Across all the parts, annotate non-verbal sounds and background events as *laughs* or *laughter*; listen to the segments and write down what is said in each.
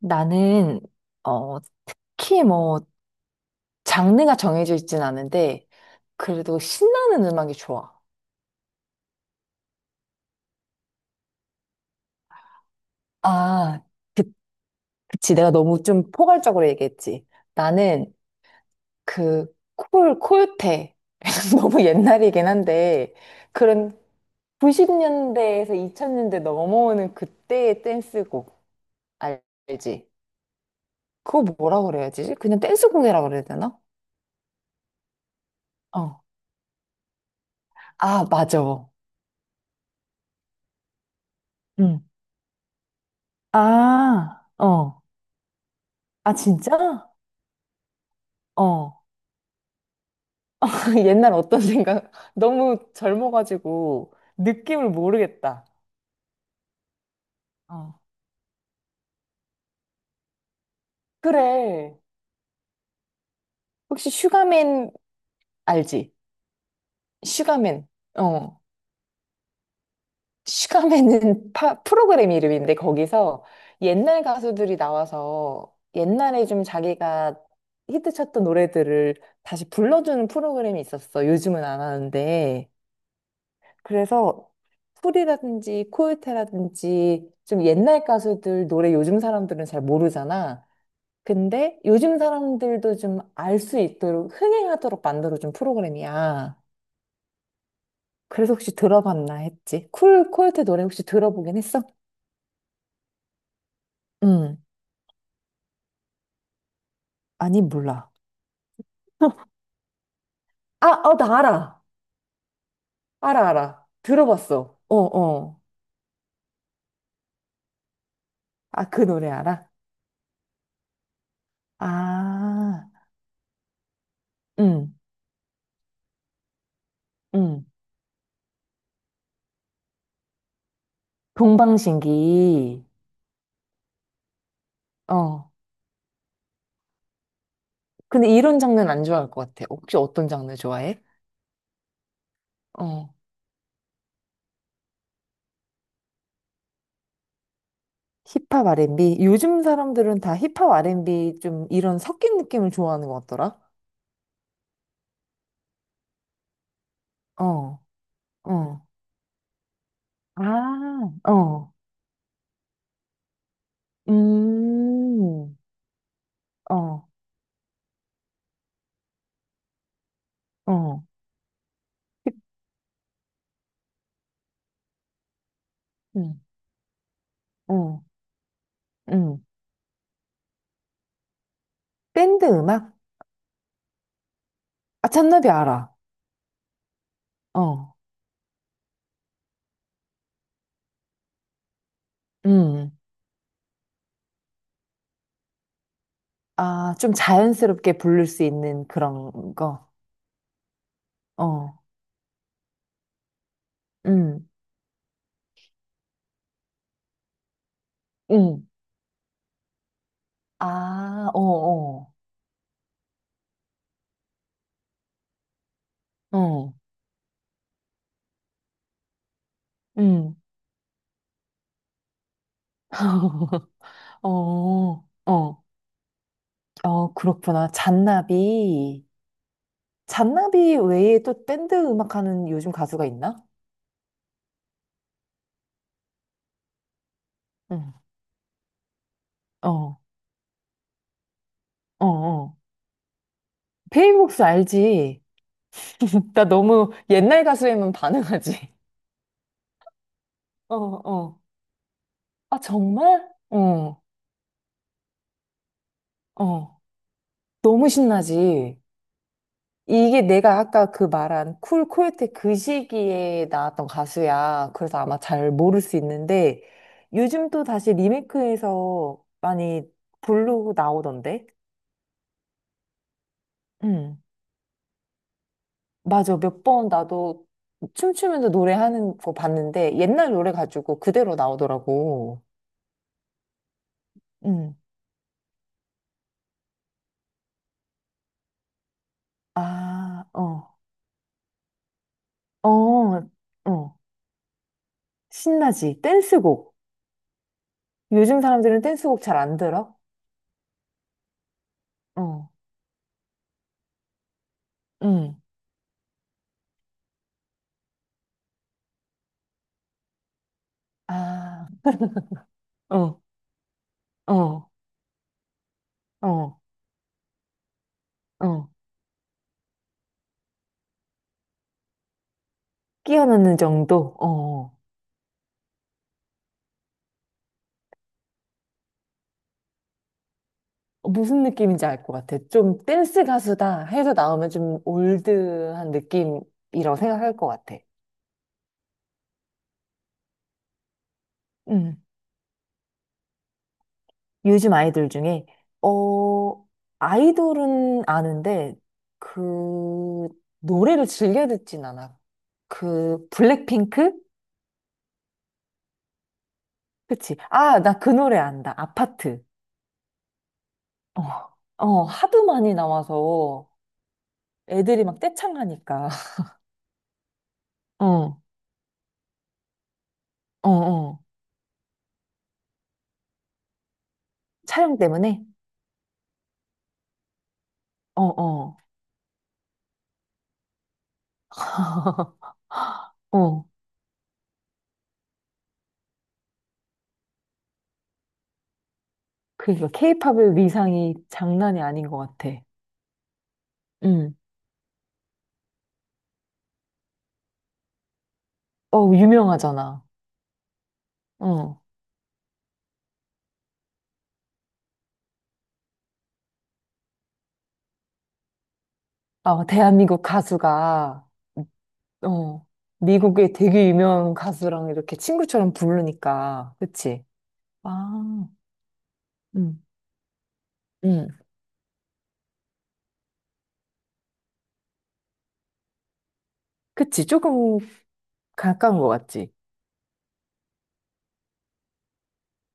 나는, 어, 특히 뭐, 장르가 정해져 있진 않은데, 그래도 신나는 음악이 좋아. 아, 그, 그치. 내가 너무 좀 포괄적으로 얘기했지. 나는 콜테. *laughs* 너무 옛날이긴 한데, 그런 90년대에서 2000년대 넘어오는 그때의 댄스곡. 알- 알지? 그거 뭐라 그래야 지 그냥 댄스곡이라 그래야 되나? 어. 아, 맞아. 응. 아, 어. 아, 진짜? 어. *laughs* 옛날 어떤 생각? *laughs* 너무 젊어가지고 느낌을 모르겠다. 어. 그래. 혹시 슈가맨 알지? 슈가맨. 어. 슈가맨은 프로그램 이름인데 거기서 옛날 가수들이 나와서 옛날에 좀 자기가 히트쳤던 노래들을 다시 불러주는 프로그램이 있었어. 요즘은 안 하는데. 그래서 소리라든지 코요테라든지 좀 옛날 가수들 노래 요즘 사람들은 잘 모르잖아. 근데 요즘 사람들도 좀 알 수 있도록 흥행하도록 만들어준 프로그램이야. 그래서 혹시 들어봤나 했지. 쿨 코요테 노래 혹시 들어보긴 했어? 응. 아니 몰라. *laughs* 아, 어, 나 알아. 알아, 알아. 들어봤어. 어, 어. 아, 그 노래 알아? 아, 응, 응. 동방신기. 어. 근데 이런 장르는 안 좋아할 것 같아. 혹시 어떤 장르 좋아해? 어. 힙합 R&B? 요즘 사람들은 다 힙합 R&B 좀 이런 섞인 느낌을 좋아하는 것 같더라. 어, 어. 아, 어. 음, 어, 어. 힙, 음, 어, 음. 밴드 음악? 아, 잔나비 알아. 어, 음. 아, 좀 자연스럽게 부를 수 있는 그런 거. 어, 음, 음. 아, 어, 어, 어, 음. *laughs* 어, 어, 어, 그렇구나. 잔나비. 잔나비 외에 또 밴드 음악하는 요즘 가수가 있나? 응. 어, 어, 어. 베이복스 알지? *laughs* 나 너무 옛날 가수에만 반응하지. 어, 어. 아, 정말? 어, 어. 너무 신나지. 이게 내가 아까 그 말한 쿨 코요테 그 시기에 나왔던 가수야. 그래서 아마 잘 모를 수 있는데 요즘 또 다시 리메이크해서 많이 부르고 나오던데. 음. 맞아. 몇 번 나도 춤추면서 노래하는 거 봤는데 옛날 노래 가지고 그대로 나오더라고. 음. 아, 어. 어. 어. 신나지. 댄스곡. 요즘 사람들은 댄스곡 잘 안 들어? 어. 음. 아. 어. 어. 어, 어. 끼어넣는 정도? 어. 어. 무슨 느낌인지 알 것 같아. 좀 댄스 가수다 해서 나오면 좀 올드한 느낌이라고 생각할 것 같아. 음. 요즘 아이돌 중에, 어, 아이돌은 아는데, 그, 노래를 즐겨 듣진 않아. 블랙핑크? 그치. 아, 나 그 노래 안다. 아파트. 어, 어, 하도 많이 나와서 애들이 막 떼창하니까. *laughs* 어, 어, 어. 촬영 때문에? 어, 어. *laughs* 어. 그니까, 케이팝의 위상이 장난이 아닌 것 같아. 응. 어, 유명하잖아. 어. 아, 대한민국 가수가, 어, 미국의 되게 유명한 가수랑 이렇게 친구처럼 부르니까. 그치? 아, 응, 응. 그치? 조금 가까운 것 같지?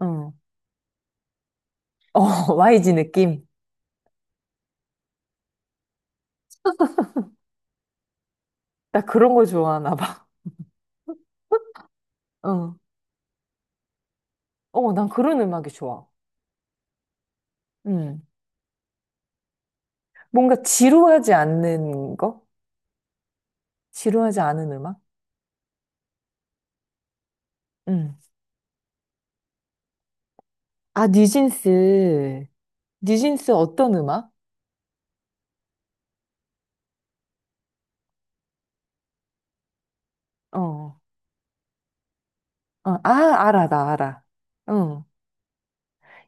응. 어, *laughs* YG 느낌? 나 그런 거 좋아하나 봐. *laughs* 응. 어, 난 그런 음악이 좋아. 응. 뭔가 지루하지 않는 거? 지루하지 않은 음악? 응. 아, 뉴진스. 뉴진스 어떤 음악? 어. 어. 아, 알아, 나 알아. 어.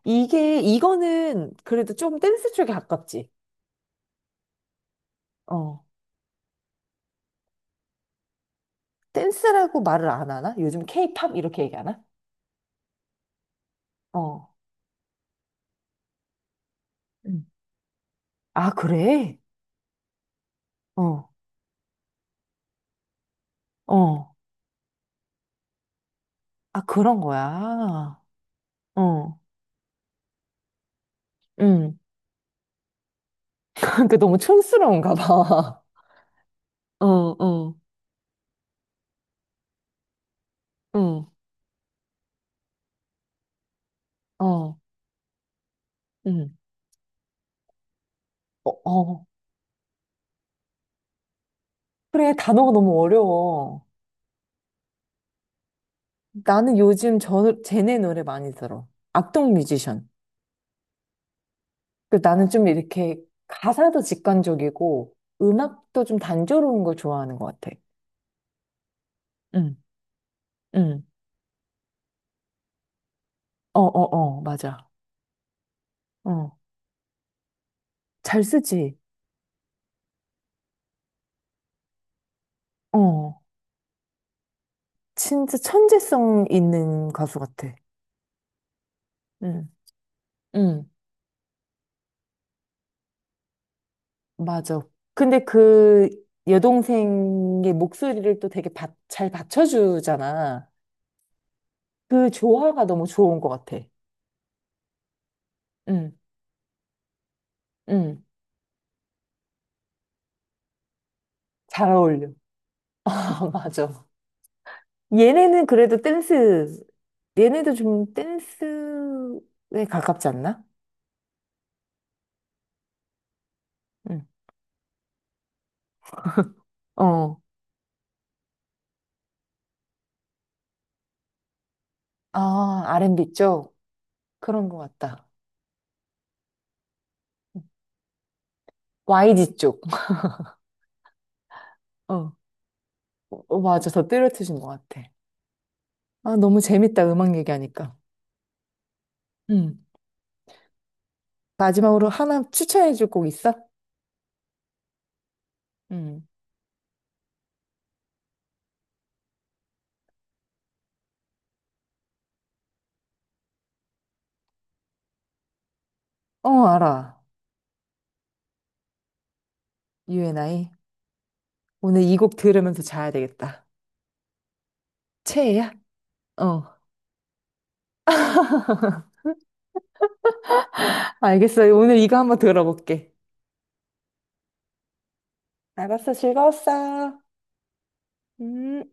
이거는 그래도 좀 댄스 쪽에 가깝지. 어. 댄스라고 말을 안 하나? 요즘 케이팝 이렇게 얘기하나? 어. 음. 아, 그래? 어. 어. 아, 그런 거야. 어. 응. *laughs* 그 너무 촌스러운가 봐. *laughs* 어, 어, 응, 어, 응. 어, 어. 그래, 단어가 너무 어려워. 나는 요즘 쟤네 노래 많이 들어. 악동 뮤지션. 그 나는 좀 이렇게 가사도 직관적이고 음악도 좀 단조로운 걸 좋아하는 것 같아. 응, 응. 어, 어, 어, 맞아. 어, 잘 쓰지. 어, 진짜 천재성 있는 가수 같아. 응, 응, 맞아. 근데 그 여동생의 목소리를 또 되게 잘 받쳐주잖아. 그 조화가 너무 좋은 것 같아. 응, 응. 잘 어울려. *laughs* 아, 맞아. 얘네는 그래도 댄스, 얘네도 좀 댄스에 가깝지 않나? 응. 어. 아, R&B 쪽? 그런 것 같다. YG 쪽. 어. 어, 맞아. 더 뚜렷해진 것 같아. 아, 너무 재밌다. 음악 얘기하니까. 응. 마지막으로 하나 추천해줄 곡 있어? 응. 어, 알아. UNI. 오늘 이 곡 들으면서 자야 되겠다. 최애야? 어. 알겠어. 오늘 이거 한번 들어볼게. 알았어. 즐거웠어. 음.